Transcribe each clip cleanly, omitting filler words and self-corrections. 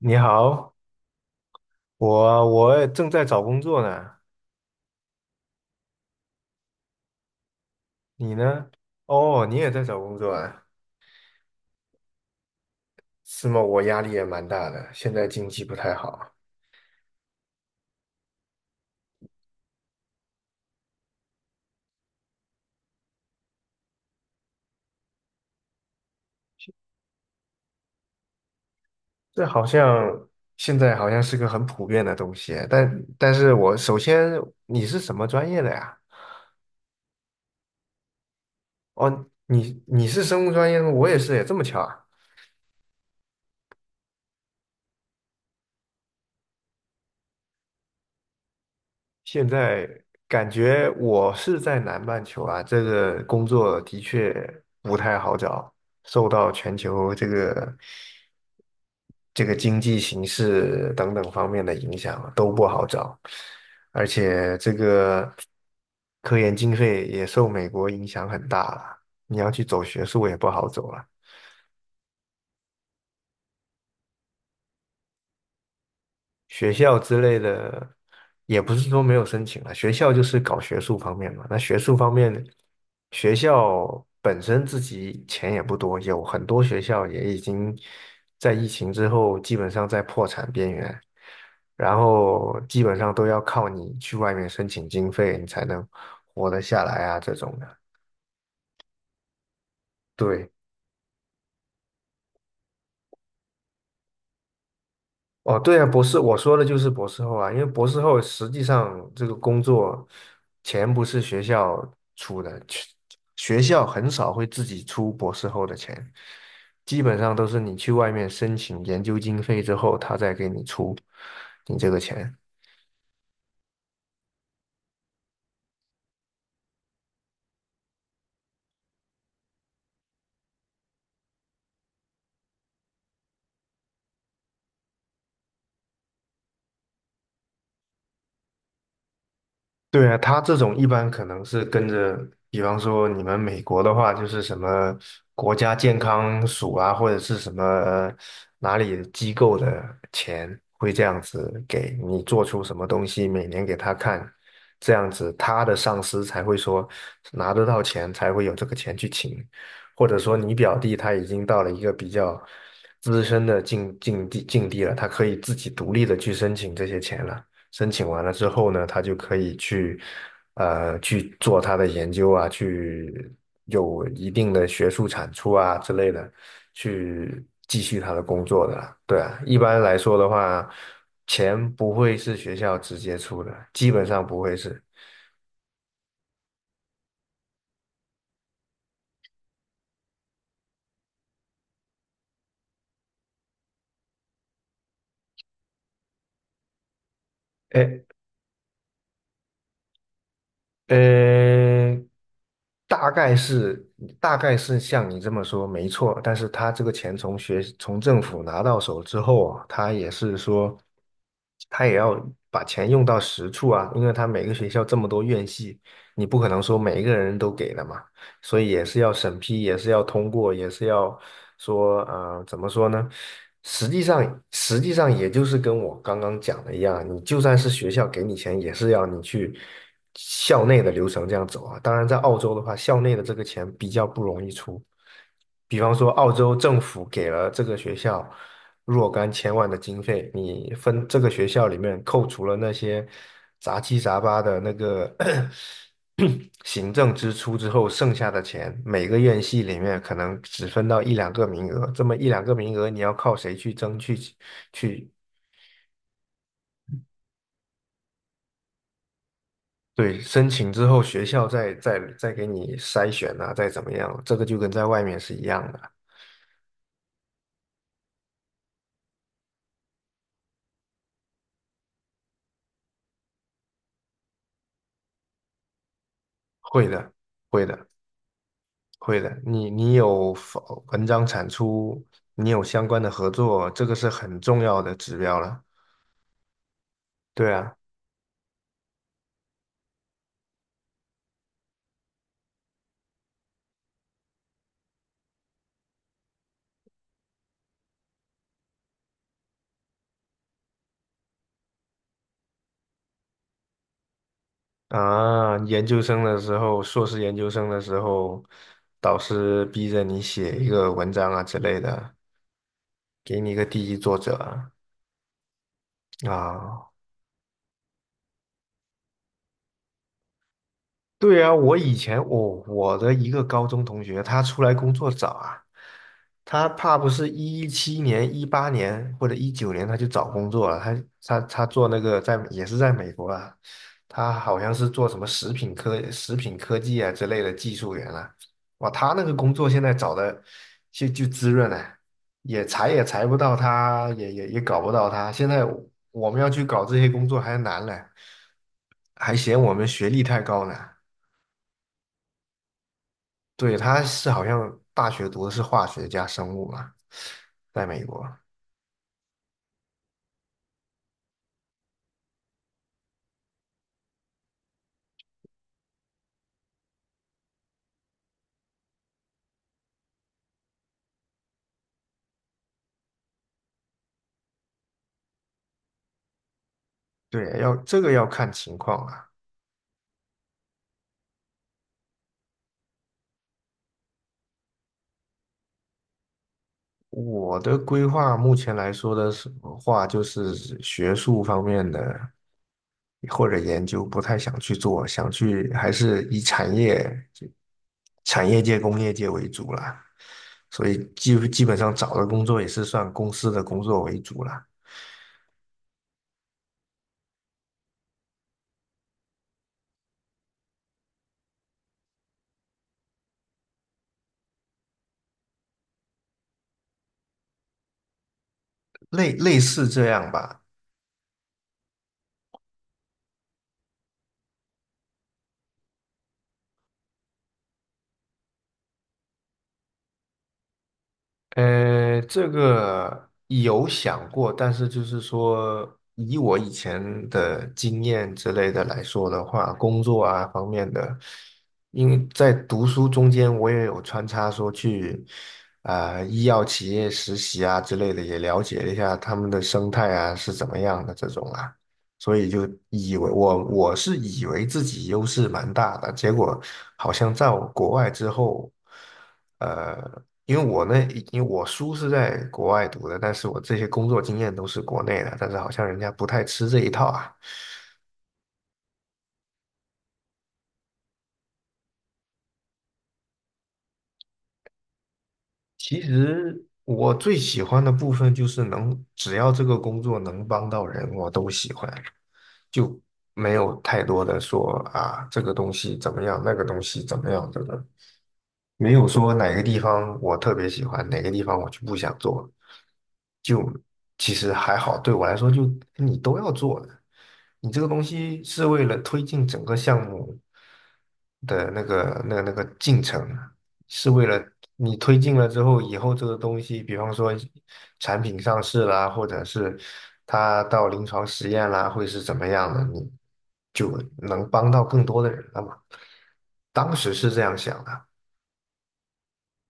你好，我正在找工作呢，你呢？哦，你也在找工作啊？是吗？我压力也蛮大的，现在经济不太好。这好像现在好像是个很普遍的东西啊，但是我首先你是什么专业的呀？哦，你是生物专业的吗？我也是，也这么巧啊。现在感觉我是在南半球啊，这个工作的确不太好找，受到全球这个。这个经济形势等等方面的影响啊都不好找，而且这个科研经费也受美国影响很大了，你要去走学术也不好走了。学校之类的，也不是说没有申请了，学校就是搞学术方面嘛。那学术方面，学校本身自己钱也不多，有很多学校也已经在疫情之后基本上在破产边缘，然后基本上都要靠你去外面申请经费，你才能活得下来啊，这种的。对。哦，对啊，博士，我说的就是博士后啊，因为博士后实际上这个工作钱不是学校出的，去学校很少会自己出博士后的钱，基本上都是你去外面申请研究经费之后，他再给你出你这个钱。对啊，他这种一般可能是跟着，比方说你们美国的话，就是什么国家健康署啊，或者是什么哪里机构的钱，会这样子给你做出什么东西，每年给他看，这样子他的上司才会说拿得到钱，才会有这个钱去请，或者说你表弟他已经到了一个比较资深的境地了，他可以自己独立的去申请这些钱了。申请完了之后呢，他就可以去，去做他的研究啊，去有一定的学术产出啊之类的，去继续他的工作的啦。对啊，一般来说的话，钱不会是学校直接出的，基本上不会是。哎呃，大概是大概是像你这么说没错，但是他这个钱从政府拿到手之后啊，他也是说，他也要把钱用到实处啊，因为他每个学校这么多院系，你不可能说每一个人都给的嘛。所以也是要审批，也是要通过，也是要说，啊，怎么说呢？实际上，实际上也就是跟我刚刚讲的一样，你就算是学校给你钱，也是要你去校内的流程这样走啊。当然，在澳洲的话，校内的这个钱比较不容易出。比方说，澳洲政府给了这个学校若干千万的经费，你分这个学校里面扣除了那些杂七杂八的那个 行政支出之后，剩下的钱每个院系里面可能只分到一两个名额，这么一两个名额你要靠谁去争去去对申请之后，学校再给你筛选啊，再怎么样，这个就跟在外面是一样的，会的，会的。会的，你有发文章产出，你有相关的合作，这个是很重要的指标了。对啊，啊，研究生的时候，硕士研究生的时候，导师逼着你写一个文章啊之类的，给你一个第一作者啊啊对啊，我以前我的一个高中同学，他出来工作早啊，他怕不是17年、18年或者19年他就找工作了，他他做那个在也是在美国啊，他好像是做什么食品科技啊之类的技术员啊。哇，他那个工作现在找的就滋润啊，也裁不到他，也搞不到他，现在我们要去搞这些工作还难了，还嫌我们学历太高呢。对，他是好像大学读的是化学加生物嘛，在美国。对，要这个要看情况啊。我的规划目前来说的是话，就是学术方面的或者研究不太想去做，想去还是以产业界、工业界为主啦。所以基本上找的工作也是算公司的工作为主啦，类似这样吧。这个有想过，但是就是说，以我以前的经验之类的来说的话，工作啊方面的，因为在读书中间，我也有穿插说去医药企业实习啊之类的，也了解了一下他们的生态啊是怎么样的这种啊。所以就以为我是以为自己优势蛮大的，结果好像在国外之后，呃，因为我那因为我书是在国外读的，但是我这些工作经验都是国内的，但是好像人家不太吃这一套啊。其实我最喜欢的部分就是能，只要这个工作能帮到人，我都喜欢，就没有太多的说啊这个东西怎么样，那个东西怎么样这个。没有说哪个地方我特别喜欢，哪个地方我就不想做，就其实还好，对我来说就你都要做的，你这个东西是为了推进整个项目的那个进程，是为了你推进了之后，以后这个东西，比方说产品上市啦，或者是它到临床实验啦，会是怎么样的，你就能帮到更多的人了嘛。当时是这样想的。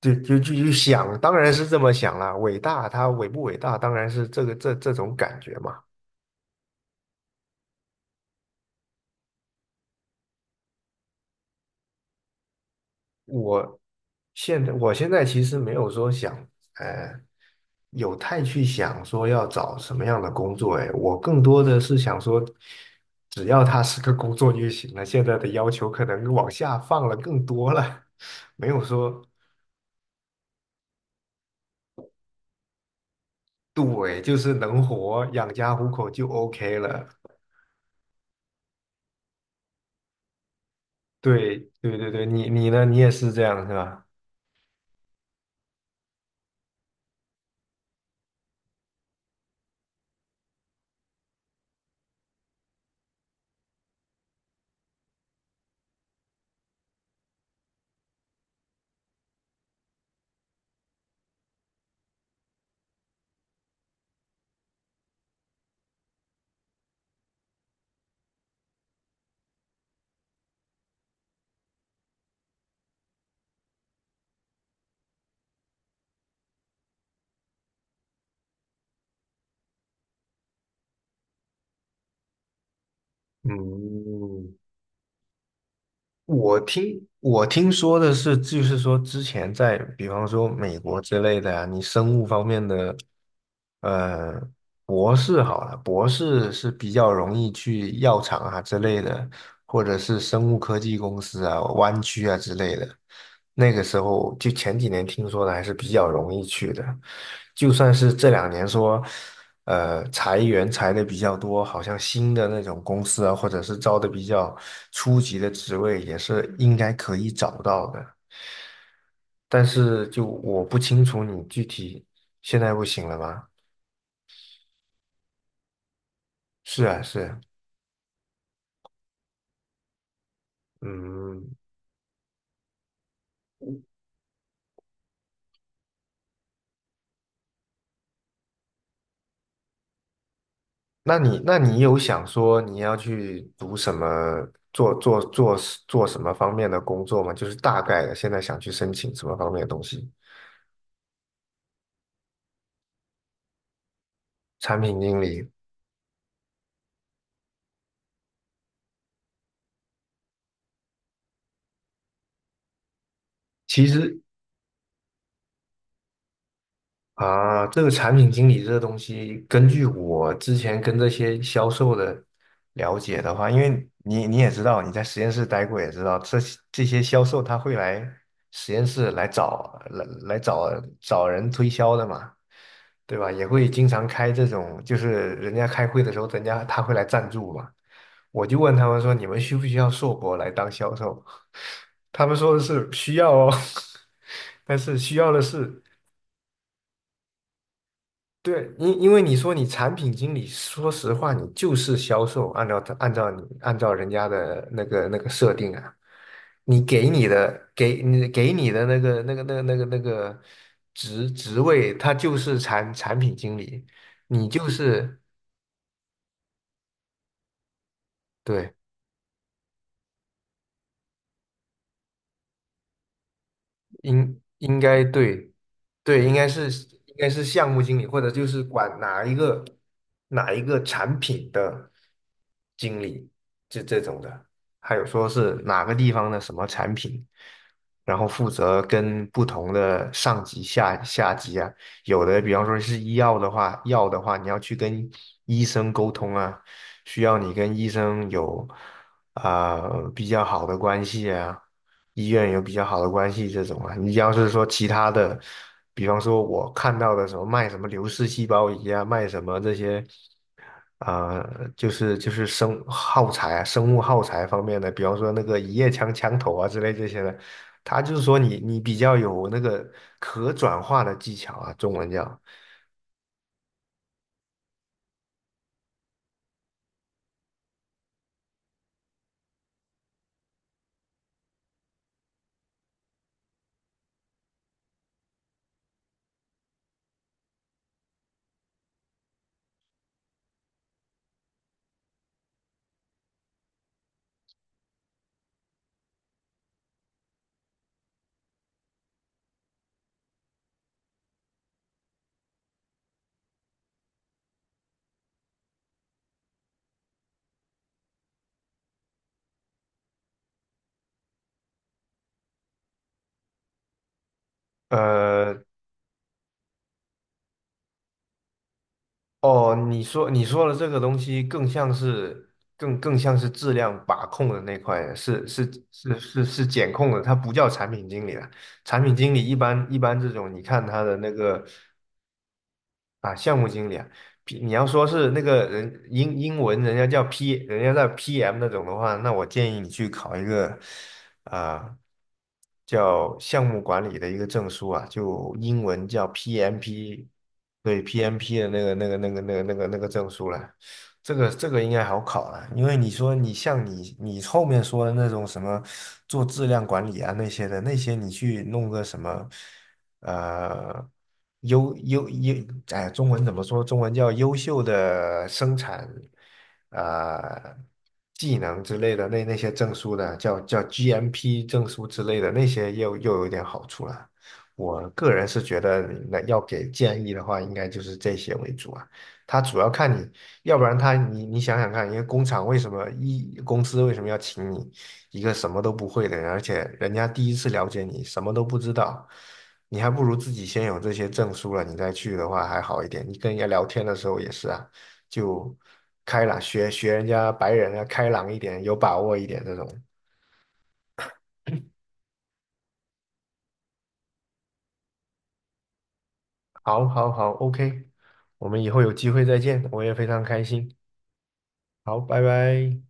就想，当然是这么想啦。伟大，它伟不伟大，当然是这个这这种感觉嘛。我我现在其实没有说想，呃，有太去想说要找什么样的工作。哎，我更多的是想说，只要他是个工作就行了。现在的要求可能往下放了更多了，没有说对，就是能活养家糊口就 OK 了。对对对对，你呢？你也是这样是吧？嗯，我听说的是，就是说之前在比方说美国之类的呀、你生物方面的，呃，博士好了，博士是比较容易去药厂啊之类的，或者是生物科技公司啊、湾区啊之类的。那个时候就前几年听说的还是比较容易去的，就算是这两年说。裁员裁的比较多，好像新的那种公司啊，或者是招的比较初级的职位，也是应该可以找到的。但是就我不清楚你具体现在不行了吗？是啊，是啊。嗯，那你有想说你要去读什么，做做做做什么方面的工作吗？就是大概的，现在想去申请什么方面的东西？产品经理。其实啊，这个产品经理这个东西，根据我之前跟这些销售的了解的话，因为你你也知道，你在实验室待过也知道，这些这些销售他会来实验室来找找人推销的嘛，对吧？也会经常开这种，就是人家开会的时候，人家他会来赞助嘛。我就问他们说，你们需不需要硕博来当销售？他们说的是需要哦，但是需要的是。对，因为你说你产品经理，说实话，你就是销售，按照他按照你按照人家的那个那个设定啊，你给你的那个职位，他就是产品经理，你就是对，应该对，对，应该是项目经理，或者就是管哪一个产品的经理，这这种的，还有说是哪个地方的什么产品，然后负责跟不同的上级下级啊，有的比方说是医药的话，药的话你要去跟医生沟通啊，需要你跟医生有比较好的关系啊。医院有比较好的关系这种啊。你要是说其他的，比方说我看到的什么卖什么流式细胞仪啊，卖什么这些，啊、就是生耗材啊，生物耗材方面的，比方说那个一夜枪枪头啊之类这些的，他就是说你你比较有那个可转化的技巧啊，中文叫。呃，哦，你说你说的这个东西更像是更像是质量把控的那块，是检控的，它不叫产品经理了。产品经理一般这种，你看他的那个啊、项目经理啊，P，你要说是那个人英文人家叫 P，人家叫 PM 那种的话，那我建议你去考一个啊、叫项目管理的一个证书啊，就英文叫 PMP，对 PMP 的那个证书了。这个应该好考了，因为你说你像你你后面说的那种什么做质量管理啊那些的，那些你去弄个什么。呃优优优，哎，中文怎么说？中文叫优秀的生产呃技能之类的那些证书的，叫 GMP 证书之类的那些又有点好处了。我个人是觉得，那要给建议的话，应该就是这些为主啊。他主要看你，要不然他你你想想看，一个工厂为什么一公司为什么要请你一个什么都不会的人，而且人家第一次了解你，什么都不知道。你还不如自己先有这些证书了，你再去的话还好一点。你跟人家聊天的时候也是啊，就开朗，学学人家白人啊，开朗一点，有把握一点这种。好，好，好，OK，我们以后有机会再见，我也非常开心。好，拜拜。